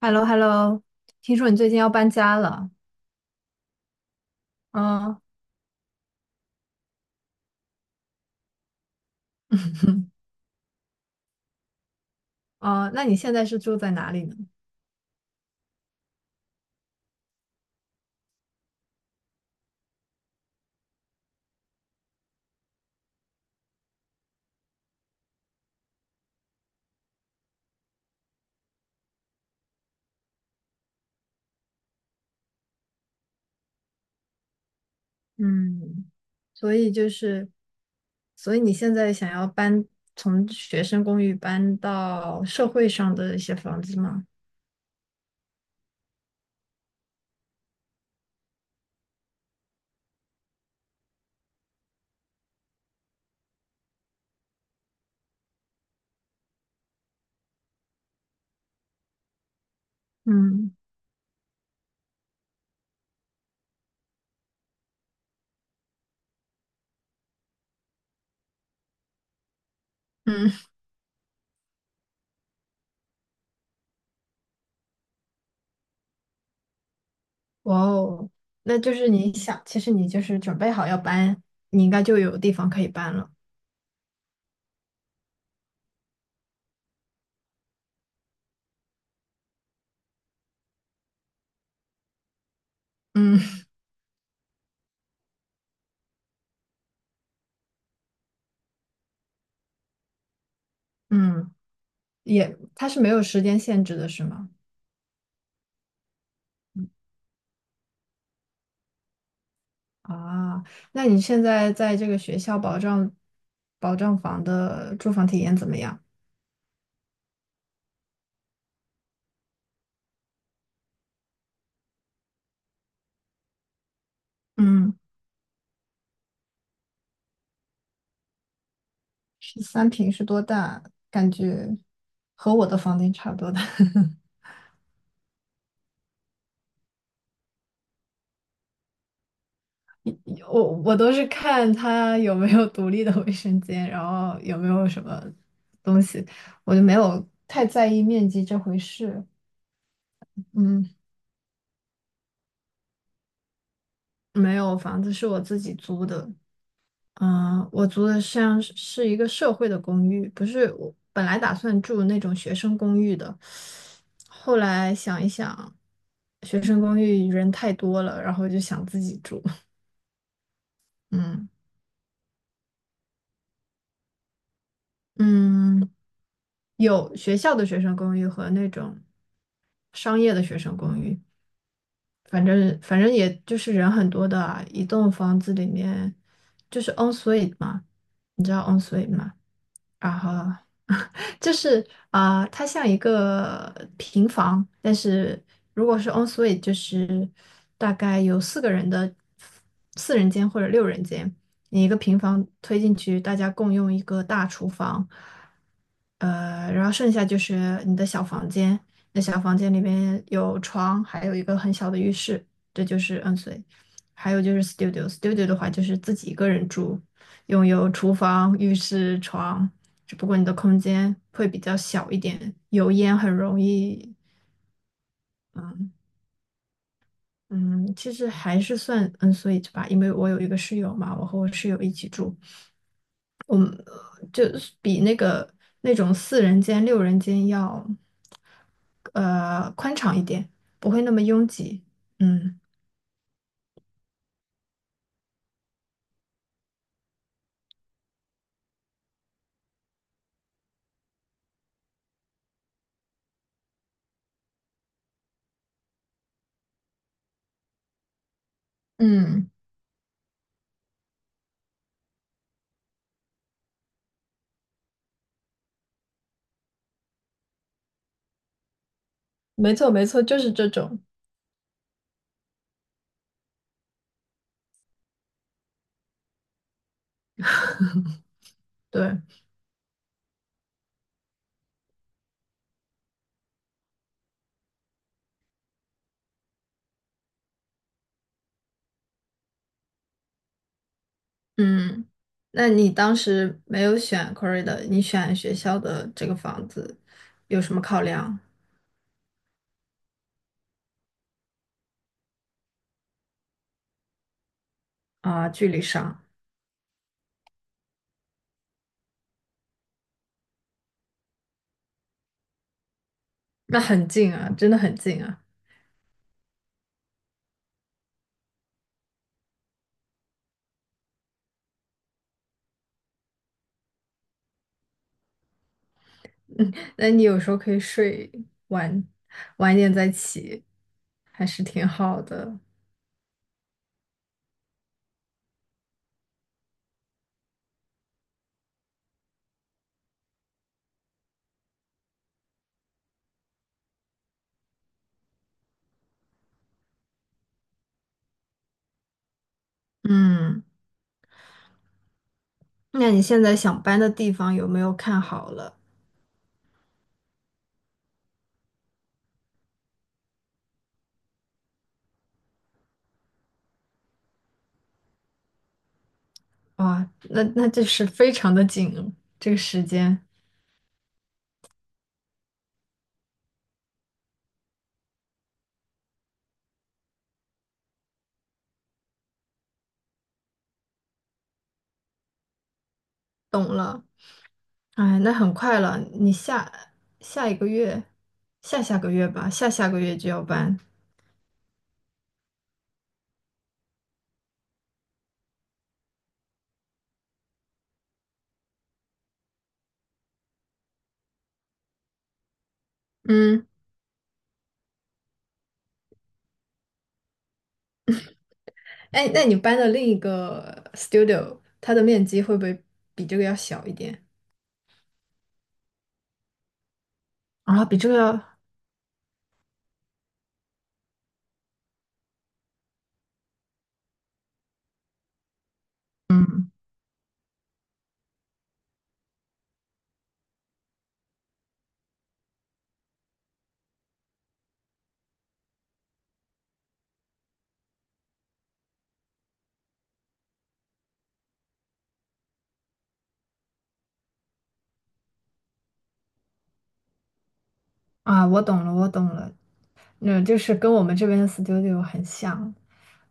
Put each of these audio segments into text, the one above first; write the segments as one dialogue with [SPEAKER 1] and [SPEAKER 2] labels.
[SPEAKER 1] h e l l o h e l l o 听说你最近要搬家了。嗯。 嗯，那你现在是住在哪里呢？嗯，所以就是，所以你现在想要搬，从学生公寓搬到社会上的一些房子吗？嗯嗯，哇哦，那就是你想，其实你就是准备好要搬，你应该就有地方可以搬了。嗯嗯，也，它是没有时间限制的，是吗？啊，那你现在在这个学校保障保障房的住房体验怎么样？嗯，13平是多大？感觉和我的房间差不多大。我都是看它有没有独立的卫生间，然后有没有什么东西，我就没有太在意面积这回事。嗯，没有，房子是我自己租的。嗯，我租的像是一个社会的公寓，不是我本来打算住那种学生公寓的，后来想一想，学生公寓人太多了，然后就想自己住。嗯嗯，有学校的学生公寓和那种商业的学生公寓，反正也就是人很多的啊一栋房子里面就是 o n suite 嘛，你知道 o n suite 吗？啊，就是啊，它像一个平房，但是如果是 en suite,就是大概有4个人的四人间或者六人间，你一个平房推进去，大家共用一个大厨房。然后剩下就是你的小房间，那小房间里面有床，还有一个很小的浴室，这就是 en suite。还有就是 studio，studio 的话就是自己一个人住，拥有厨房、浴室、床。只不过你的空间会比较小一点，油烟很容易。嗯，其实还是算嗯，所以吧，因为我有一个室友嘛，我和我室友一起住，就是比那个那种四人间、六人间要宽敞一点，不会那么拥挤。嗯。嗯，没错没错，就是这种。对。嗯，那你当时没有选 Corrida,你选学校的这个房子有什么考量？啊？距离上？那很近啊，真的很近啊。那你有时候可以睡晚晚一点再起，还是挺好的。嗯，那你现在想搬的地方有没有看好了？哇，那那这是非常的紧哦这个时间。懂了。哎，那很快了，你下下一个月，下下个月吧，下下个月就要搬。嗯。哎，那你搬的另一个 studio,它的面积会不会比这个要小一点？啊，比这个要嗯啊，我懂了，我懂了，那就是跟我们这边的 studio 很像，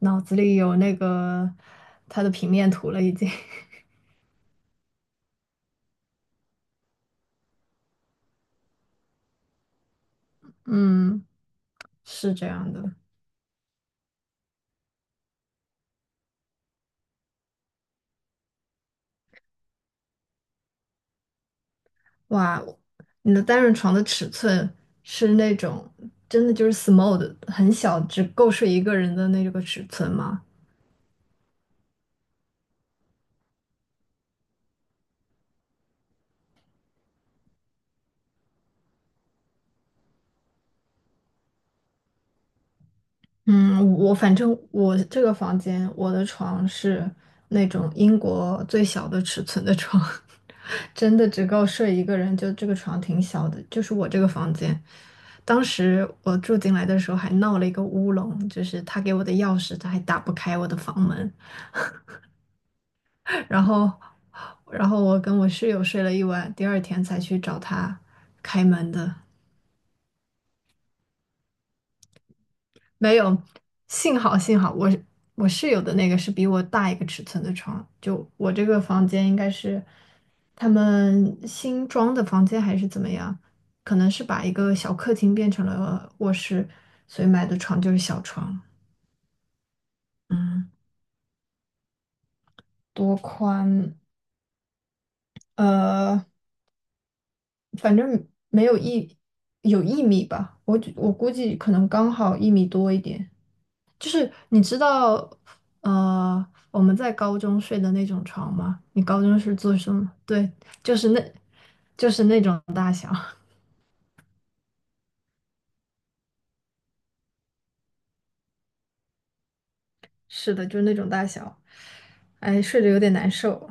[SPEAKER 1] 脑子里有那个它的平面图了已经。嗯，是这样的。哇，你的单人床的尺寸是那种真的就是 small 的，很小，只够睡一个人的那个尺寸吗？嗯，我反正我这个房间，我的床是那种英国最小的尺寸的床。真的只够睡一个人，就这个床挺小的，就是我这个房间。当时我住进来的时候还闹了一个乌龙，就是他给我的钥匙他还打不开我的房门，然后，然后我跟我室友睡了一晚，第二天才去找他开门的。没有，幸好我我室友的那个是比我大一个尺寸的床，就我这个房间应该是他们新装的房间还是怎么样？可能是把一个小客厅变成了卧室，所以买的床就是小床。嗯，多宽？呃，反正没有一有一米吧，我估计可能刚好一米多一点。就是你知道，我们在高中睡的那种床吗？你高中是做什么？对，就是那，就是那种，是的，就是那种大小。哎，睡着有点难受，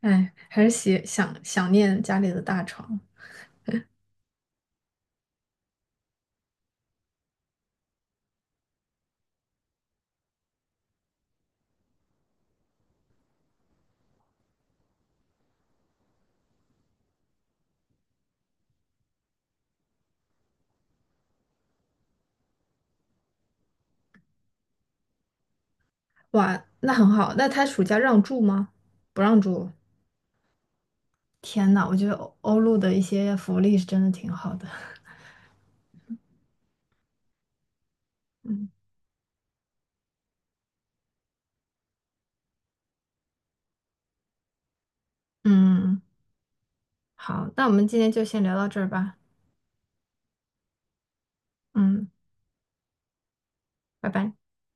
[SPEAKER 1] 哎，还是喜想想念家里的大床。哇，那很好。那他暑假让住吗？不让住。天呐，我觉得欧陆的一些福利是真的挺好的。嗯嗯，好，那我们今天就先聊到这儿吧。嗯，拜拜。